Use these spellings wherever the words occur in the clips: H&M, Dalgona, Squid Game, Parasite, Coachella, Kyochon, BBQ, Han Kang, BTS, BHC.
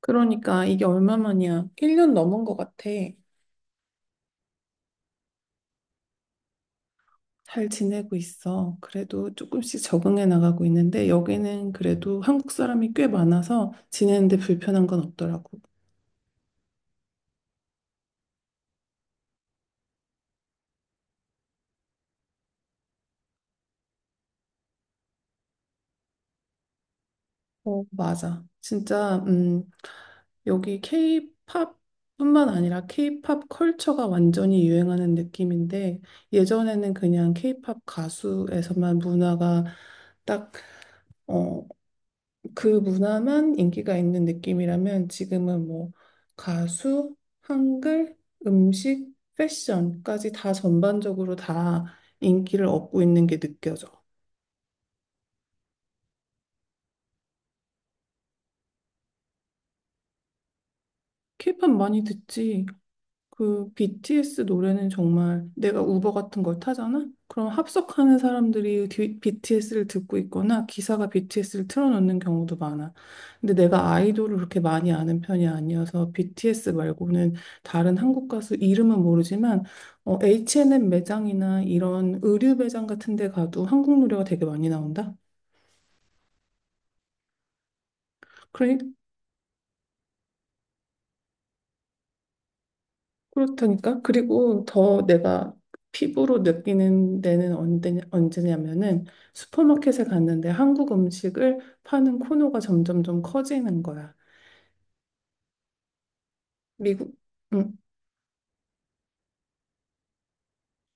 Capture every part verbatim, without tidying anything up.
그러니까 이게 얼마만이야? 일 년 넘은 것 같아. 잘 지내고 있어. 그래도 조금씩 적응해 나가고 있는데, 여기는 그래도 한국 사람이 꽤 많아서 지내는데 불편한 건 없더라고. 어, 맞아. 진짜 음, 여기 K-팝뿐만 아니라 K-팝 컬처가 완전히 유행하는 느낌인데, 예전에는 그냥 K-팝 가수에서만 문화가 딱, 어, 그 문화만 인기가 있는 느낌이라면, 지금은 뭐 가수, 한글, 음식, 패션까지 다 전반적으로 다 인기를 얻고 있는 게 느껴져. 케이팝 많이 듣지. 그 비티에스 노래는 정말, 내가 우버 같은 걸 타잖아? 그럼 합석하는 사람들이 비티에스를 듣고 있거나 기사가 비티에스를 틀어놓는 경우도 많아. 근데 내가 아이돌을 그렇게 많이 아는 편이 아니어서 비티에스 말고는 다른 한국 가수 이름은 모르지만, 어, 에이치앤엠 매장이나 이런 의류 매장 같은 데 가도 한국 노래가 되게 많이 나온다. 그렇다니까. 그리고 더 내가 피부로 느끼는 데는 언제, 언제냐면은, 슈퍼마켓에 갔는데 한국 음식을 파는 코너가 점점 좀 커지는 거야. 미국, 응,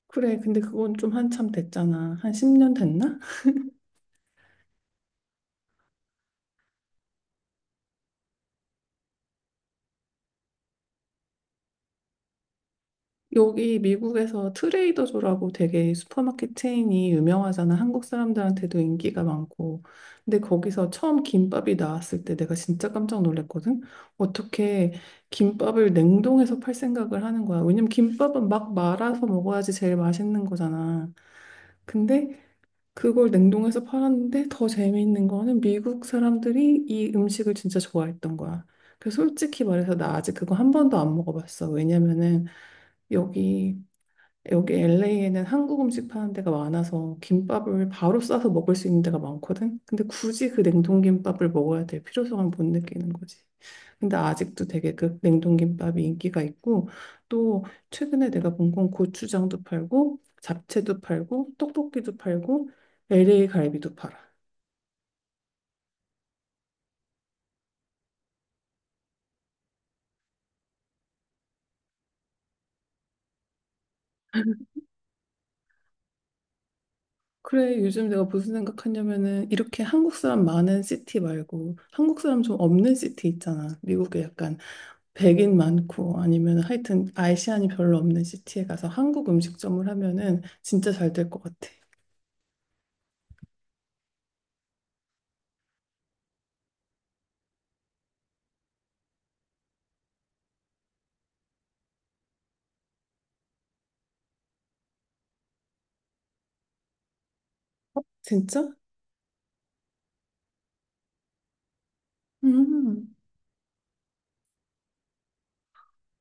그래. 근데 그건 좀 한참 됐잖아. 한 십 년 됐나? 여기 미국에서 트레이더조라고 되게 슈퍼마켓 체인이 유명하잖아. 한국 사람들한테도 인기가 많고. 근데 거기서 처음 김밥이 나왔을 때 내가 진짜 깜짝 놀랐거든. 어떻게 김밥을 냉동해서 팔 생각을 하는 거야. 왜냐면 김밥은 막 말아서 먹어야지 제일 맛있는 거잖아. 근데 그걸 냉동해서 팔았는데, 더 재미있는 거는 미국 사람들이 이 음식을 진짜 좋아했던 거야. 그래서 솔직히 말해서 나 아직 그거 한 번도 안 먹어봤어. 왜냐면은 여기 여기 엘에이에는 한국 음식 파는 데가 많아서 김밥을 바로 싸서 먹을 수 있는 데가 많거든. 근데 굳이 그 냉동김밥을 먹어야 될 필요성을 못 느끼는 거지. 근데 아직도 되게 그 냉동김밥이 인기가 있고, 또 최근에 내가 본 건 고추장도 팔고 잡채도 팔고 떡볶이도 팔고 엘에이 갈비도 팔아. 그래, 요즘 내가 무슨 생각하냐면은, 이렇게 한국 사람 많은 시티 말고, 한국 사람 좀 없는 시티 있잖아. 미국에 약간 백인 많고, 아니면 하여튼 아시안이 별로 없는 시티에 가서 한국 음식점을 하면은 진짜 잘 될 것 같아. 진짜? 음.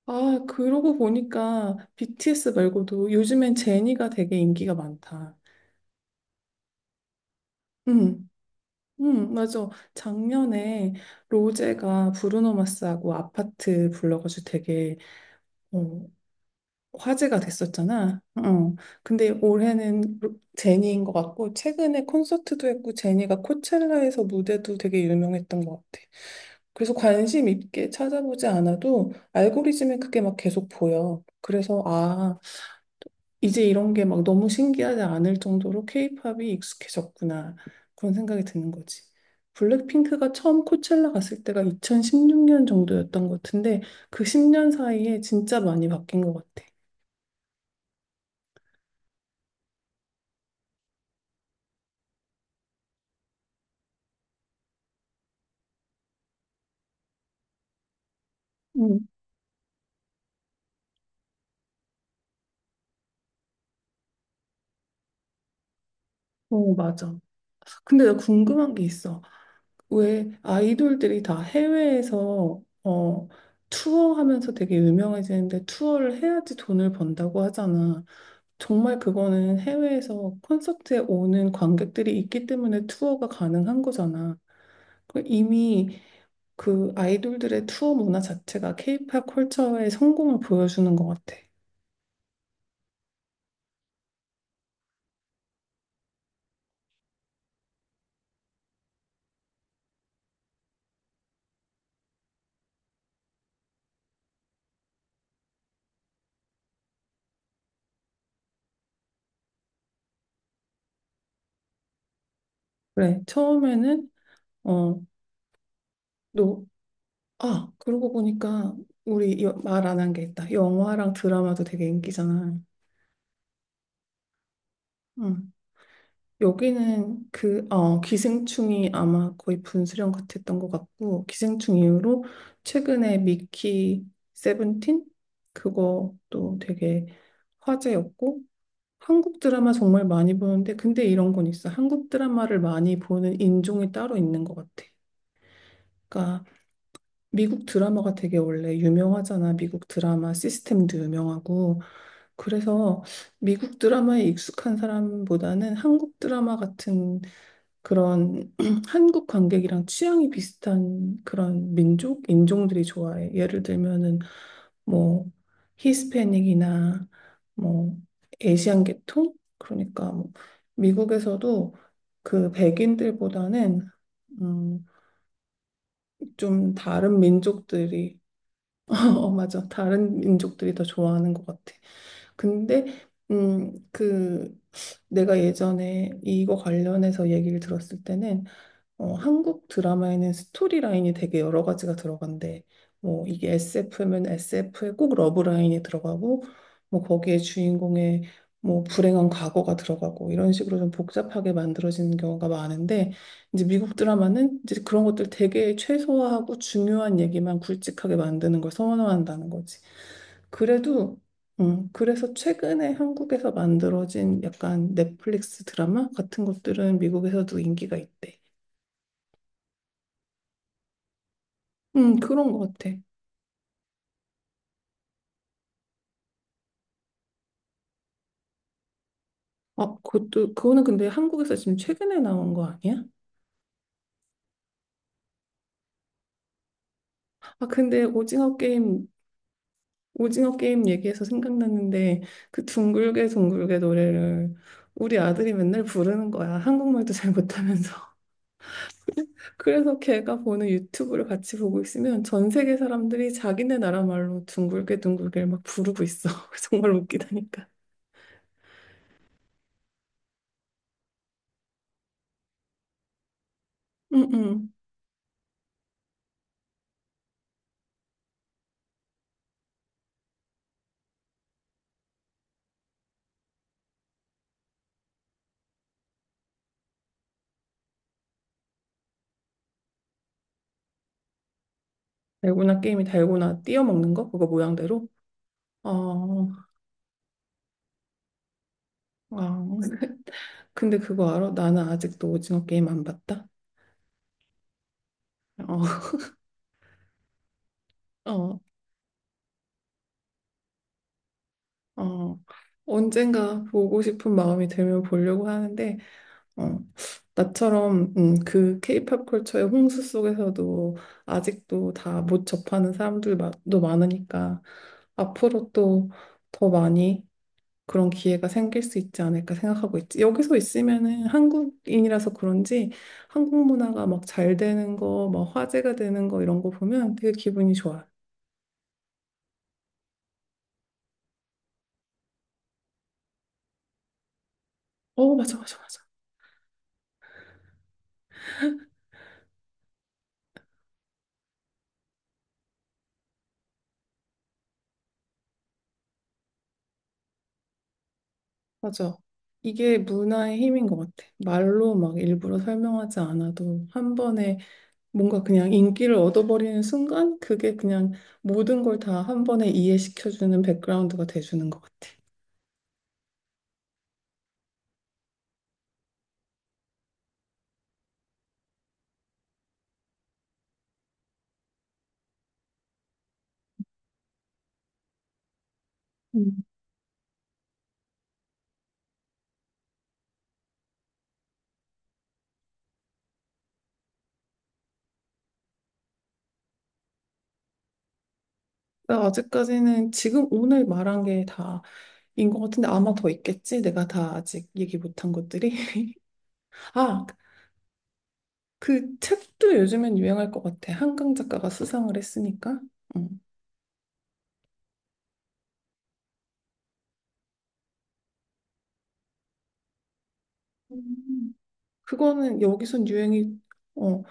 아, 그러고 보니까 비티에스 말고도 요즘엔 제니가 되게 인기가 많다. 음. 음, 맞아. 작년에 로제가 브루노 마스하고 아파트 불러가지고 되게, 어, 화제가 됐었잖아. 어. 근데 올해는 제니인 것 같고, 최근에 콘서트도 했고, 제니가 코첼라에서 무대도 되게 유명했던 것 같아. 그래서 관심 있게 찾아보지 않아도 알고리즘에 그게 막 계속 보여. 그래서, 아, 이제 이런 게 막 너무 신기하지 않을 정도로 케이팝이 익숙해졌구나. 그런 생각이 드는 거지. 블랙핑크가 처음 코첼라 갔을 때가 이천십육 년 정도였던 것 같은데, 그 십 년 사이에 진짜 많이 바뀐 것 같아. 음. 어, 맞아. 근데 나 궁금한 게 있어. 왜 아이돌들이 다 해외에서 어, 투어하면서 되게 유명해지는데, 투어를 해야지 돈을 번다고 하잖아. 정말 그거는 해외에서 콘서트에 오는 관객들이 있기 때문에 투어가 가능한 거잖아. 그 이미, 그 아이돌들의 투어 문화 자체가 케이팝 컬처의 성공을 보여주는 것 같아. 그래, 처음에는, 어, 아, 그러고 보니까 우리 말 안 한 게 있다. 영화랑 드라마도 되게 인기잖아. 응. 여기는 그, 어, 기생충이 아마 거의 분수령 같았던 것 같고, 기생충 이후로 최근에 미키 세븐틴? 그것도 되게 화제였고. 한국 드라마 정말 많이 보는데, 근데 이런 건 있어. 한국 드라마를 많이 보는 인종이 따로 있는 것 같아. 그러니까 미국 드라마가 되게 원래 유명하잖아. 미국 드라마 시스템도 유명하고. 그래서 미국 드라마에 익숙한 사람보다는 한국 드라마 같은 그런 한국 관객이랑 취향이 비슷한 그런 민족, 인종들이 좋아해. 예를 들면은 뭐 히스패닉이나 뭐 에시안 계통? 그러니까 뭐 미국에서도 그 백인들보다는, 음, 좀 다른 민족들이 어, 맞아. 다른 민족들이 더 좋아하는 것 같아. 근데 음, 그, 내가 예전에 이거 관련해서 얘기를 들었을 때는, 어, 한국 드라마에는 스토리라인이 되게 여러 가지가 들어간대. 뭐 이게 에스에프면 에스에프에 꼭 러브라인이 들어가고, 뭐 거기에 주인공의 뭐 불행한 과거가 들어가고, 이런 식으로 좀 복잡하게 만들어지는 경우가 많은데, 이제 미국 드라마는 이제 그런 것들 되게 최소화하고 중요한 얘기만 굵직하게 만드는 걸 선호한다는 거지. 그래도, 음, 그래서 최근에 한국에서 만들어진 약간 넷플릭스 드라마 같은 것들은 미국에서도 인기가 있대. 음, 그런 것 같아. 아, 그것도, 그거는 근데 한국에서 지금 최근에 나온 거 아니야? 아, 근데 오징어 게임, 오징어 게임 얘기해서 생각났는데, 그 둥글게 둥글게 노래를 우리 아들이 맨날 부르는 거야. 한국말도 잘 못하면서. 그래서 걔가 보는 유튜브를 같이 보고 있으면 전 세계 사람들이 자기네 나라 말로 둥글게 둥글게 막 부르고 있어. 정말 웃기다니까. 응, 응. 달고나 게임이 달고나 띄어먹는 거? 그거 모양대로? 아, 아. 근데 그거 알아? 나는 아직도 오징어 게임 안 봤다. 어. 어, 어. 언젠가 보고 싶은 마음이 들면 보려고 하는데, 어, 나처럼, 음, 그 케이팝 컬처의 홍수 속에서도 아직도 다 못 접하는 사람들도 많으니까 앞으로 또 더 많이 그런 기회가 생길 수 있지 않을까 생각하고 있지. 여기서 있으면은 한국인이라서 그런지 한국 문화가 막 잘 되는 거, 막 화제가 되는 거, 이런 거 보면 되게 기분이 좋아요. 어, 맞아, 맞아, 맞아. 맞아. 이게 문화의 힘인 것 같아. 말로 막 일부러 설명하지 않아도 한 번에 뭔가 그냥 인기를 얻어버리는 순간 그게 그냥 모든 걸 다 한 번에 이해시켜주는 백그라운드가 돼주는 것 같아. 음. 나 아직까지는 지금 오늘 말한 게다 인 것 같은데, 아마 더 있겠지? 내가 다 아직 얘기 못한 것들이. 아, 그 책도 요즘엔 유행할 것 같아. 한강 작가가 수상을 했으니까. 음. 음. 그거는 여기선 유행이, 어,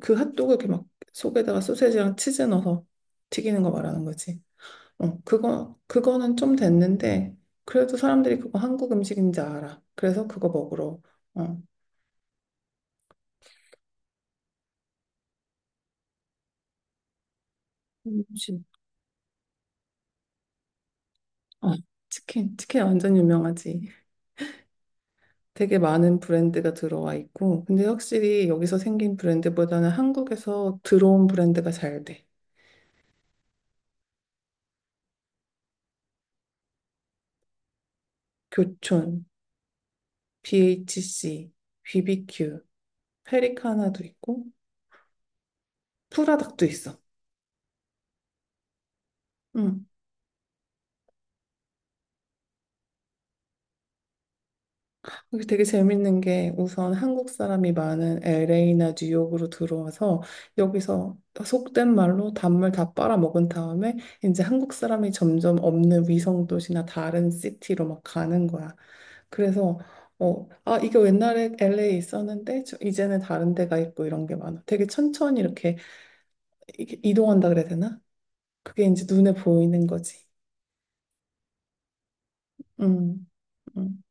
그 핫도그 이렇게 막 속에다가 소세지랑 치즈 넣어서 튀기는 거 말하는 거지. 어, 그거 그거는 좀 됐는데 그래도 사람들이 그거 한국 음식인 줄 알아. 그래서 그거 먹으러. 어. 음식. 어, 치킨 치킨 완전 유명하지. 되게 많은 브랜드가 들어와 있고, 근데 확실히 여기서 생긴 브랜드보다는 한국에서 들어온 브랜드가 잘 돼. 교촌, 비에이치씨, 비비큐, 페리카나도 있고, 프라닭도 있어. 음. 여기 되게 재밌는 게, 우선 한국 사람이 많은 엘에이나 뉴욕으로 들어와서 여기서 속된 말로 단물 다 빨아먹은 다음에 이제 한국 사람이 점점 없는 위성 도시나 다른 시티로 막 가는 거야. 그래서, 어, 아, 이거 옛날에 엘에이에 있었는데 저- 이제는 다른 데가 있고, 이런 게 많아. 되게 천천히 이렇게 이- 이동한다 그래야 되나? 그게 이제 눈에 보이는 거지. 음. 음.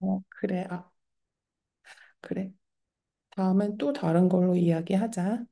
어, 그래, 아, 그래. 다음엔 또 다른 걸로 이야기하자.